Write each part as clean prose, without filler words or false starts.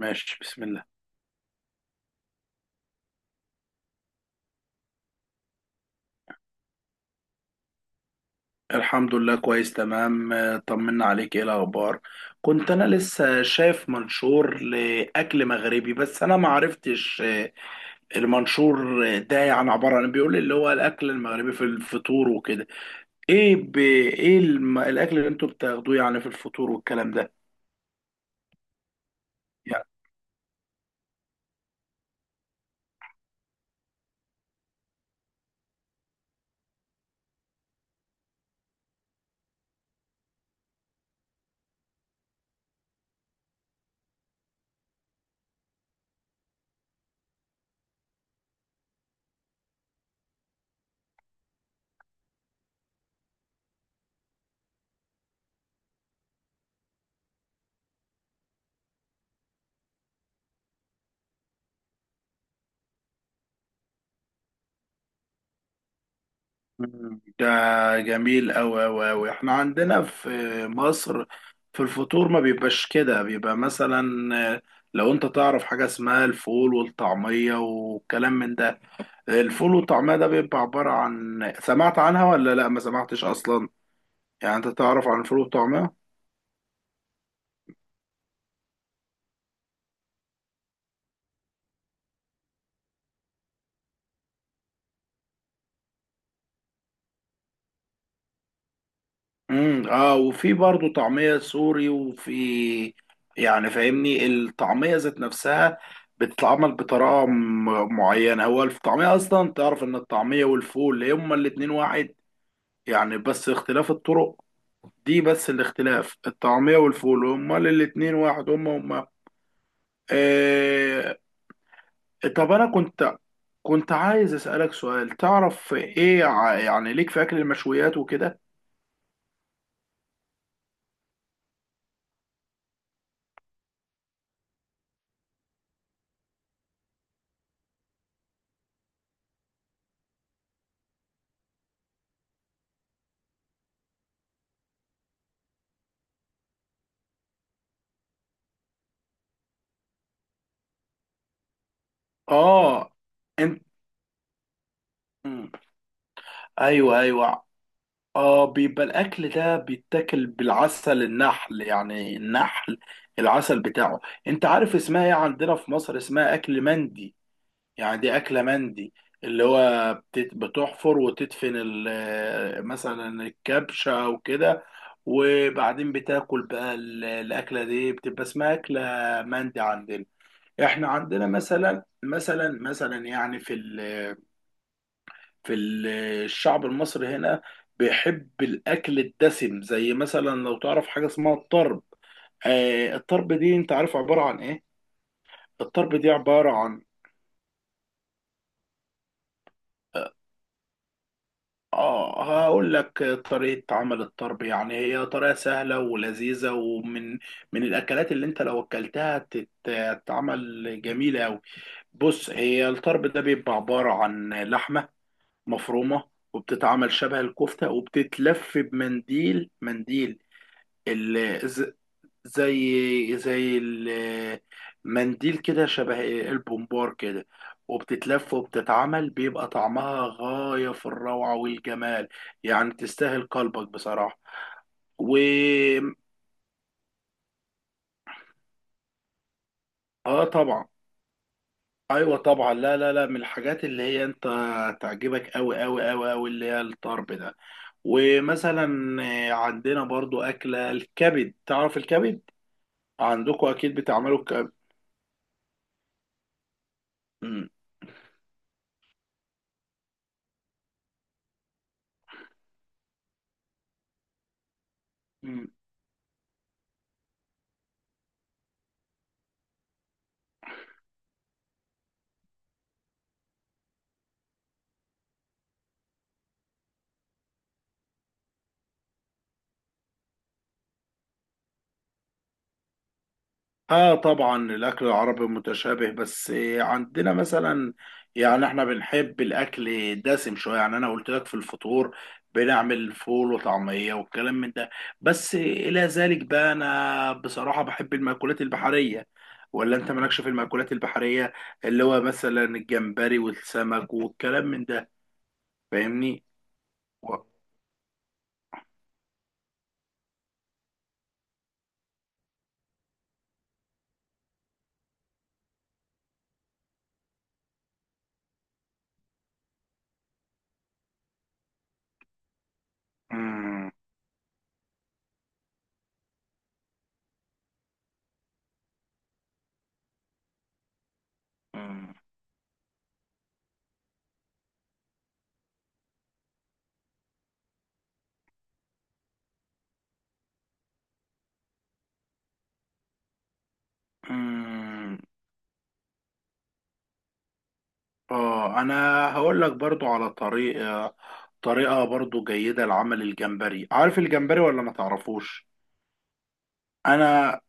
ماشي، بسم الله. الحمد لله، كويس، تمام. طمنا عليك، ايه الاخبار؟ كنت انا لسه شايف منشور لاكل مغربي بس انا ما عرفتش. المنشور ده يعني عباره عن إيه؟ بيقول اللي هو الاكل المغربي في الفطور وكده. ايه ايه الاكل اللي انتوا بتاخدوه يعني في الفطور والكلام ده؟ ده جميل، أوي. احنا عندنا في مصر، في الفطور ما بيبقاش كده، بيبقى مثلا، آه، لو انت تعرف حاجة اسمها الفول والطعمية والكلام من ده. الفول والطعمية ده بيبقى عبارة عن، سمعت عنها ولا لا؟ ما سمعتش أصلا يعني انت تعرف عن الفول والطعمية؟ امم، اه. وفي برضه طعمية سوري، وفي يعني، فاهمني، الطعمية ذات نفسها بتتعمل بطريقة معينة. هو الطعمية أصلا، تعرف إن الطعمية والفول هما الاتنين واحد يعني، بس اختلاف الطرق دي بس. الاختلاف، الطعمية والفول هما الاتنين واحد، هما هما. آه. طب أنا كنت عايز أسألك سؤال، تعرف إيه يعني ليك في أكل المشويات وكده؟ آه. أنت. مم. ايوه، ايوه. اه، بيبقى الاكل ده بيتاكل بالعسل النحل، يعني النحل العسل بتاعه. انت عارف اسمها ايه عندنا في مصر؟ اسمها اكل مندي. يعني دي اكله مندي، اللي هو بتحفر وتدفن مثلا الكبشه او كده، وبعدين بتاكل بقى الاكله دي، بتبقى اسمها اكله مندي عندنا. احنا عندنا مثلا، مثلا، يعني في ال، في الشعب المصري هنا بيحب الاكل الدسم. زي مثلا لو تعرف حاجه اسمها الطرب. آه، الطرب دي، انت عارف عباره عن ايه؟ الطرب دي عباره عن، اه، هقول لك طريقه عمل الطرب. يعني هي طريقه سهله ولذيذه، ومن من الاكلات اللي انت لو اكلتها تتعمل جميله قوي. بص، هي الطرب ده بيبقى عباره عن لحمه مفرومه، وبتتعمل شبه الكفته، وبتتلف بمنديل منديل، ال- الز- زي زي المنديل كده، شبه البومبار كده، وبتتلف وبتتعمل، بيبقى طعمها غاية في الروعة والجمال. يعني تستاهل قلبك بصراحة. و اه، طبعا، ايوه طبعا. لا لا لا، من الحاجات اللي هي انت تعجبك، قوي، اللي هي الطرب ده. ومثلا عندنا برضو اكلة الكبد. تعرف الكبد عندكم، اكيد بتعملوا الكبد. اه طبعا، الاكل العربي متشابه، بس عندنا مثلا، يعني احنا بنحب الاكل دسم شويه. يعني انا قلت لك في الفطور بنعمل فول وطعميه والكلام من ده. بس الى ذلك بقى، انا بصراحه بحب المأكولات البحريه، ولا انت مالكش في المأكولات البحريه؟ اللي هو مثلا الجمبري والسمك والكلام من ده. فاهمني. و... مم. مم. مم. اه، انا هقول لك برضو على طريقة برضو جيدة لعمل الجمبري. عارف الجمبري ولا ما تعرفوش؟ انا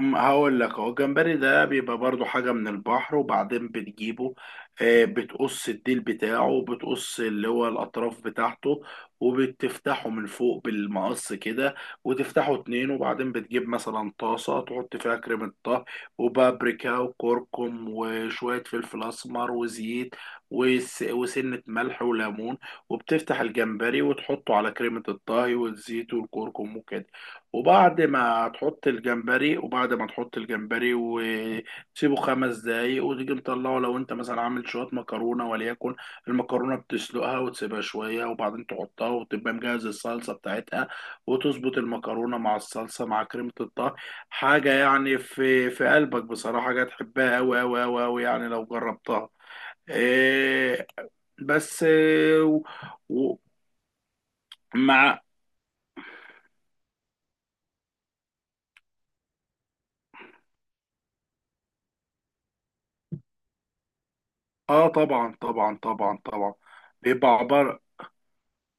هقول لك اهو. الجمبري ده بيبقى برضو حاجة من البحر، وبعدين بتجيبه، بتقص الديل بتاعه، بتقص اللي هو الأطراف بتاعته، وبتفتحه من فوق بالمقص كده، وتفتحه اتنين، وبعدين بتجيب مثلا طاسة تحط فيها كريمة طهي وبابريكا وكركم وشوية فلفل أسمر وزيت وسنة ملح وليمون، وبتفتح الجمبري وتحطه على كريمة الطهي والزيت والكركم وكده، وبعد ما تحط الجمبري، وتسيبه خمس دقايق، وتيجي مطلعه. لو انت مثلا عامل شوية مكرونة وليكن، المكرونة بتسلقها وتسيبها شوية، وبعدين تحطها، وتبقى مجهز الصلصة بتاعتها، وتظبط المكرونة مع الصلصة مع كريمة الطهي، حاجة يعني في في قلبك بصراحة، حاجة تحبها أوي يعني لو جربتها. إيه، بس و- ومع، اه طبعا. بيبقى عبارة،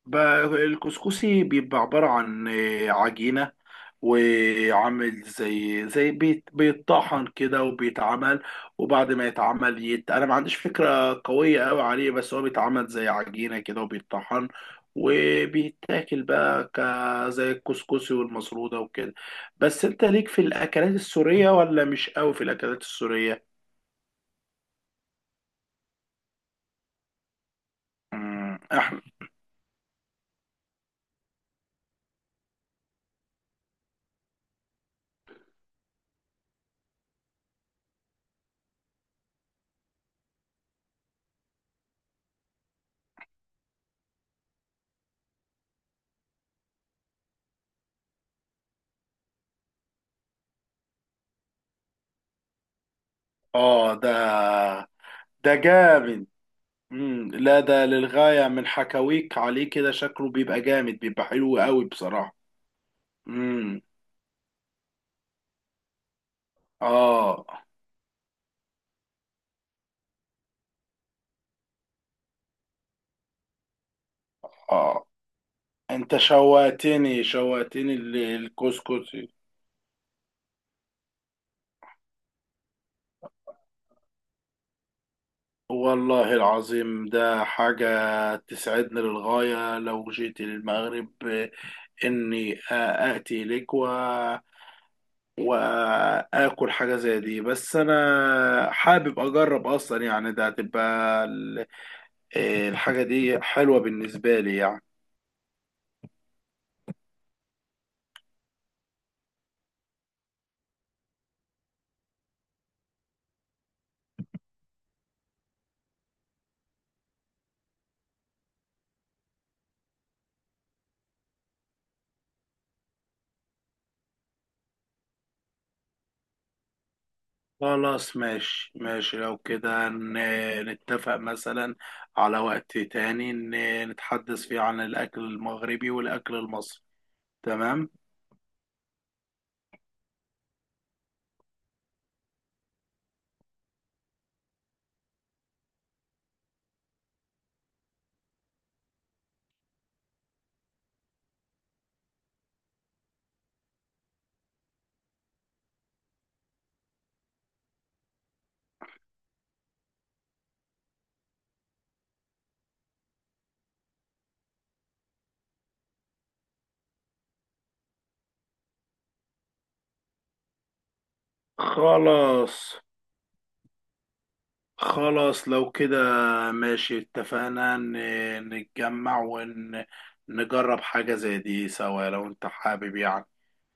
بقى الكسكسي بيبقى عبارة عن عجينة، وعامل زي زي بيتطحن كده وبيتعمل، وبعد ما يتعمل انا ما عنديش فكرة قوية قوي عليه، بس هو بيتعمل زي عجينة كده وبيتطحن، وبيتاكل بقى زي الكسكسي والمسرودة وكده. بس انت ليك في الاكلات السورية ولا مش قوي في الاكلات السورية؟ مم، احنا، اه، ده، ده جامد. مم. لا ده للغاية، من حكاويك عليه كده، شكله بيبقى جامد، بيبقى حلو قوي بصراحة. امم، اه، اه، انت شوقتني، شوقتني الكسكس. والله العظيم ده حاجة تسعدني للغاية، لو جيت للمغرب اني آتي لك و... واكل حاجة زي دي. بس انا حابب اجرب اصلا يعني، ده هتبقى الحاجة دي حلوة بالنسبة لي يعني. خلاص، ماشي ماشي، لو كده نتفق مثلا على وقت تاني نتحدث فيه عن الأكل المغربي والأكل المصري. تمام. خلاص، خلاص، لو كده ماشي، اتفقنا نتجمع ونجرب حاجة زي دي سوا لو انت حابب يعني.